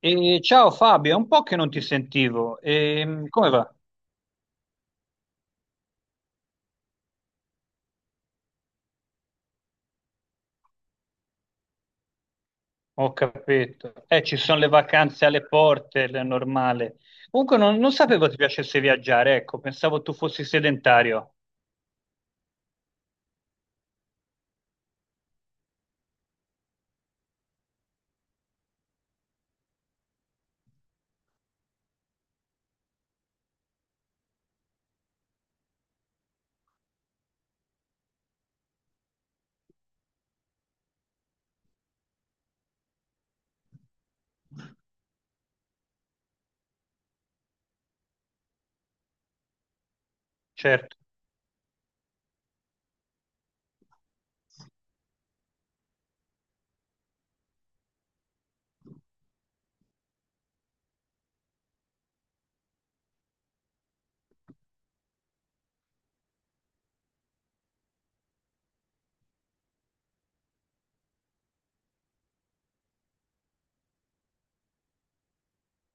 E ciao Fabio, è un po' che non ti sentivo. Come va? Ho capito. Ci sono le vacanze alle porte, è normale. Comunque non sapevo ti piacesse viaggiare, ecco, pensavo tu fossi sedentario. Certo,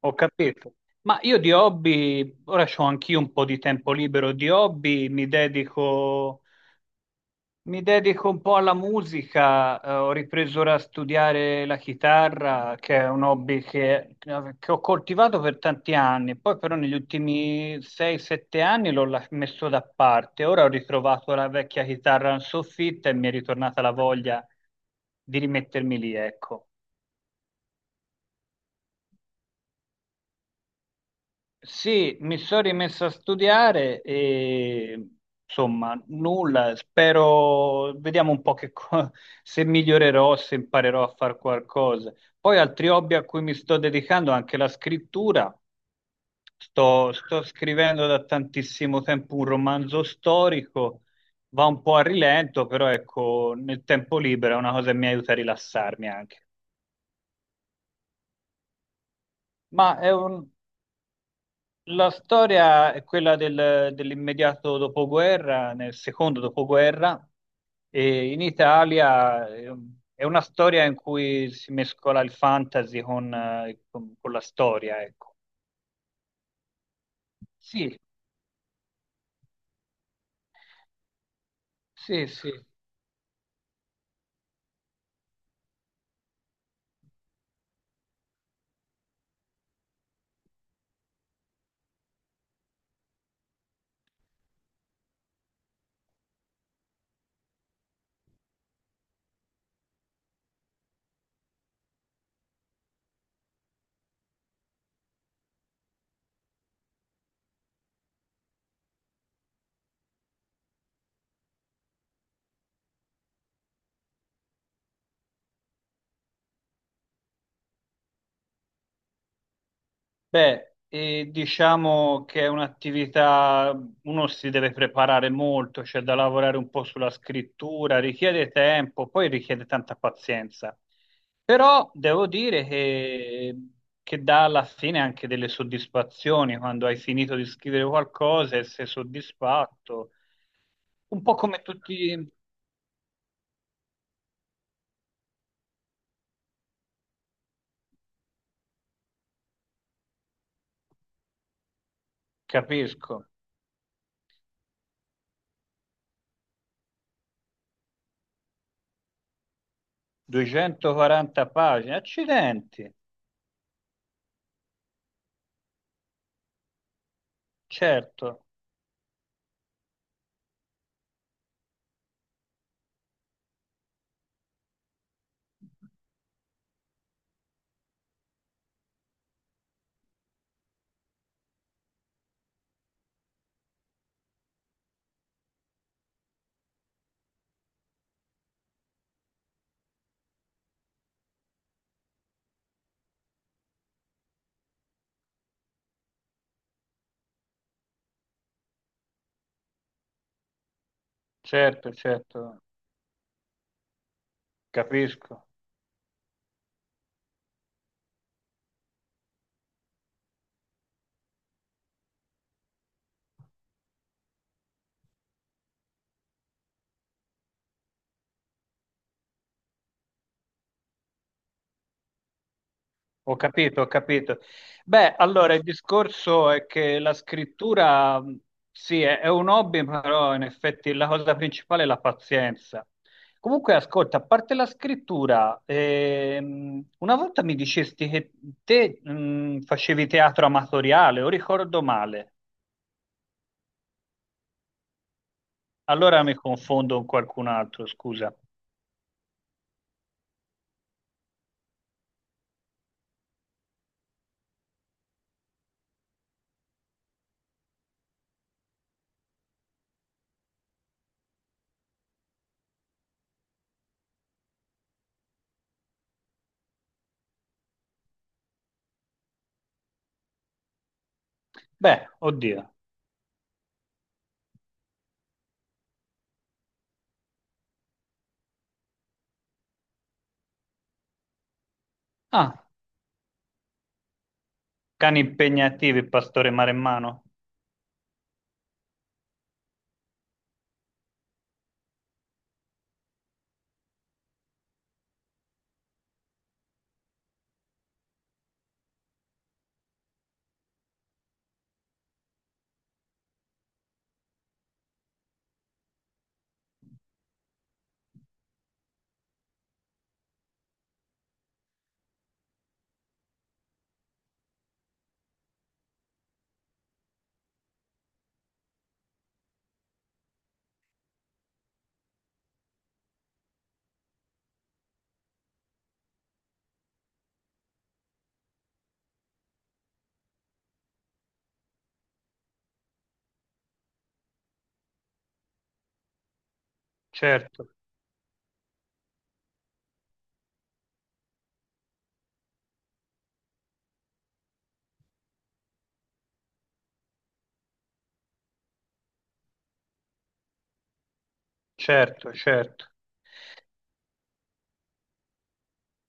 ho capito. Ma io di hobby, ora ho anch'io un po' di tempo libero, di hobby mi dedico Mi dedico un po' alla musica, ho ripreso ora a studiare la chitarra, che è un hobby che ho coltivato per tanti anni, poi però negli ultimi 6-7 anni l'ho messo da parte, ora ho ritrovato la vecchia chitarra in soffitta e mi è ritornata la voglia di rimettermi lì, ecco. Sì, mi sono rimesso a studiare e insomma, nulla, spero, vediamo un po' se migliorerò, se imparerò a fare qualcosa. Poi altri hobby a cui mi sto dedicando, anche la scrittura, sto scrivendo da tantissimo tempo un romanzo storico, va un po' a rilento, però ecco, nel tempo libero è una cosa che mi aiuta a rilassarmi anche. Ma è un, La storia è quella dell'immediato dopoguerra, nel secondo dopoguerra, e in Italia è una storia in cui si mescola il fantasy con la storia, ecco. Sì, sì, sì. Beh, diciamo che è un'attività, uno si deve preparare molto, c'è da lavorare un po' sulla scrittura, richiede tempo, poi richiede tanta pazienza. Però devo dire che dà alla fine anche delle soddisfazioni quando hai finito di scrivere qualcosa e sei soddisfatto. Un po' come tutti, capisco, 240 pagine, accidenti, certo, certo, certo, capisco. Ho capito, ho capito. Beh, allora il discorso è che la scrittura sì, è un hobby, però in effetti la cosa principale è la pazienza. Comunque, ascolta, a parte la scrittura, una volta mi dicesti che te facevi teatro amatoriale, o ricordo male? Allora mi confondo con qualcun altro, scusa. Beh, oddio. Ah, cani impegnativi, pastore maremmano. Certo, certo, certo.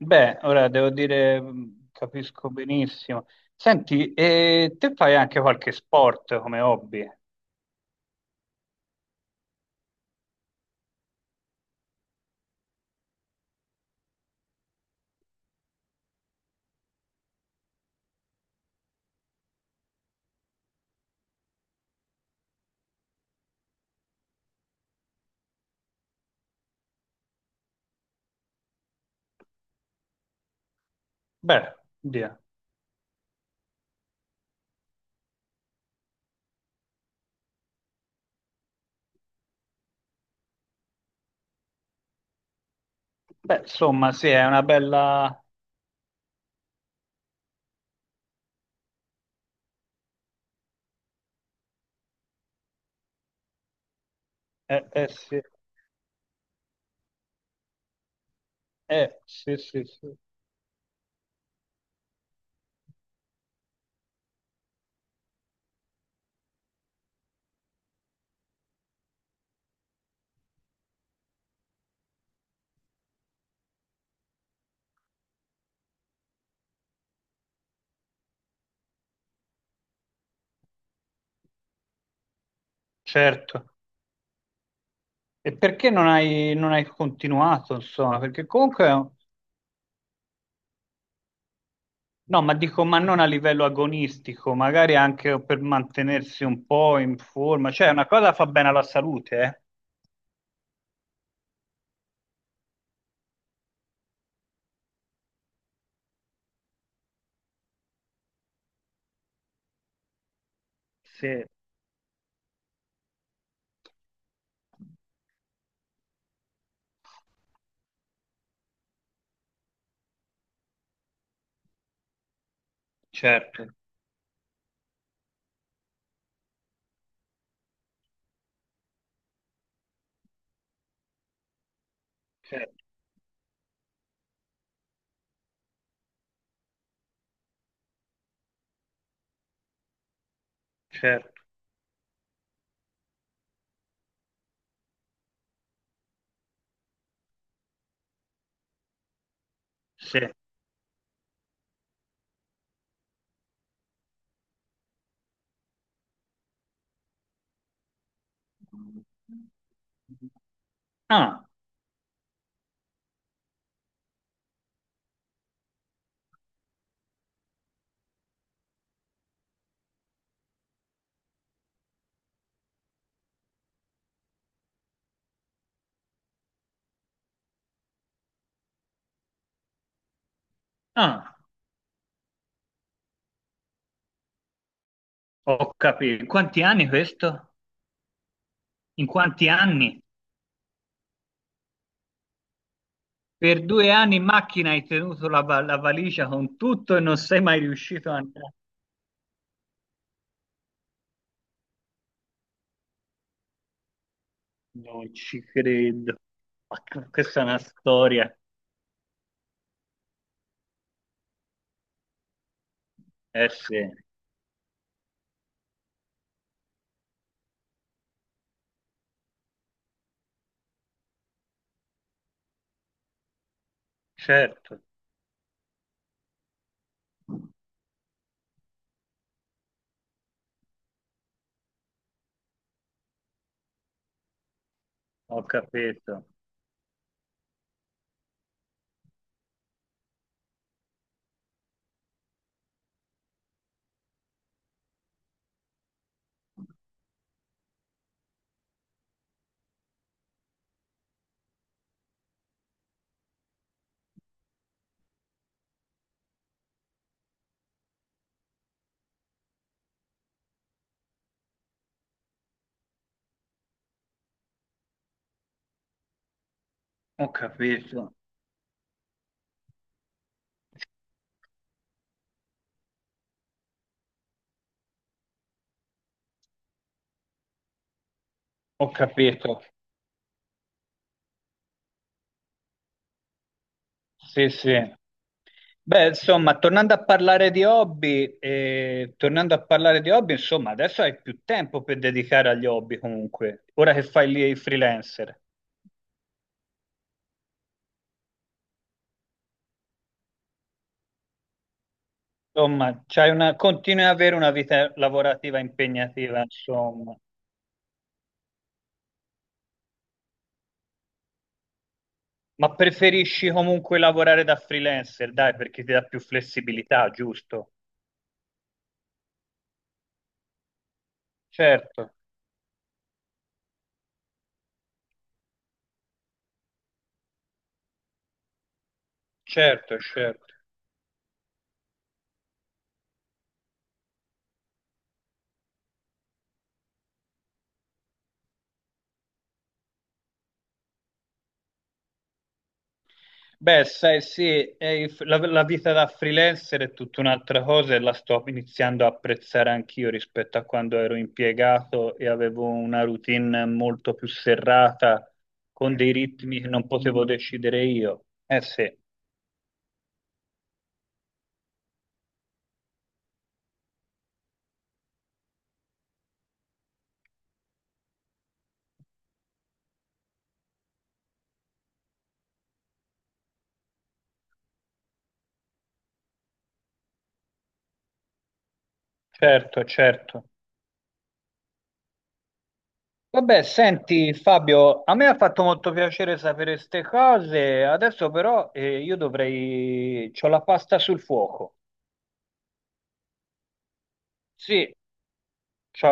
Beh, ora devo dire, capisco benissimo. Senti, e te fai anche qualche sport come hobby? Beh, via. Beh, insomma, sì, è una bella... sì, sì, sì, sì. Certo. E perché non hai continuato, insomma? Perché comunque... è un- No, ma dico, ma non a livello agonistico, magari anche per mantenersi un po' in forma. Cioè, una cosa fa bene alla salute, eh? Sì, certo, certo, certo. Sì. Ah, ah, ho capito. Quanti anni questo? In quanti anni? Per due anni in macchina hai tenuto la valigia con tutto e non sei mai riuscito a andare. Non ci credo. Ma che- questa è una storia. Eh sì, certo, ho capito, ho capito, ho capito. Sì, sì. Beh, insomma, tornando a parlare di hobby, insomma, adesso hai più tempo per dedicare agli hobby comunque, ora che fai lì il freelancer. Insomma, continui ad avere una vita lavorativa impegnativa, insomma, ma preferisci comunque lavorare da freelancer, dai, perché ti dà più flessibilità, giusto? Certo, certo, certo. Beh, sai, sì, è la vita da freelancer è tutta un'altra cosa e la sto iniziando a apprezzare anch'io rispetto a quando ero impiegato e avevo una routine molto più serrata, con dei ritmi che non potevo decidere io. Eh sì, certo, certo. Vabbè, senti Fabio, a me ha fatto molto piacere sapere queste cose, adesso però io dovrei... c'ho la pasta sul fuoco. Sì, ciao.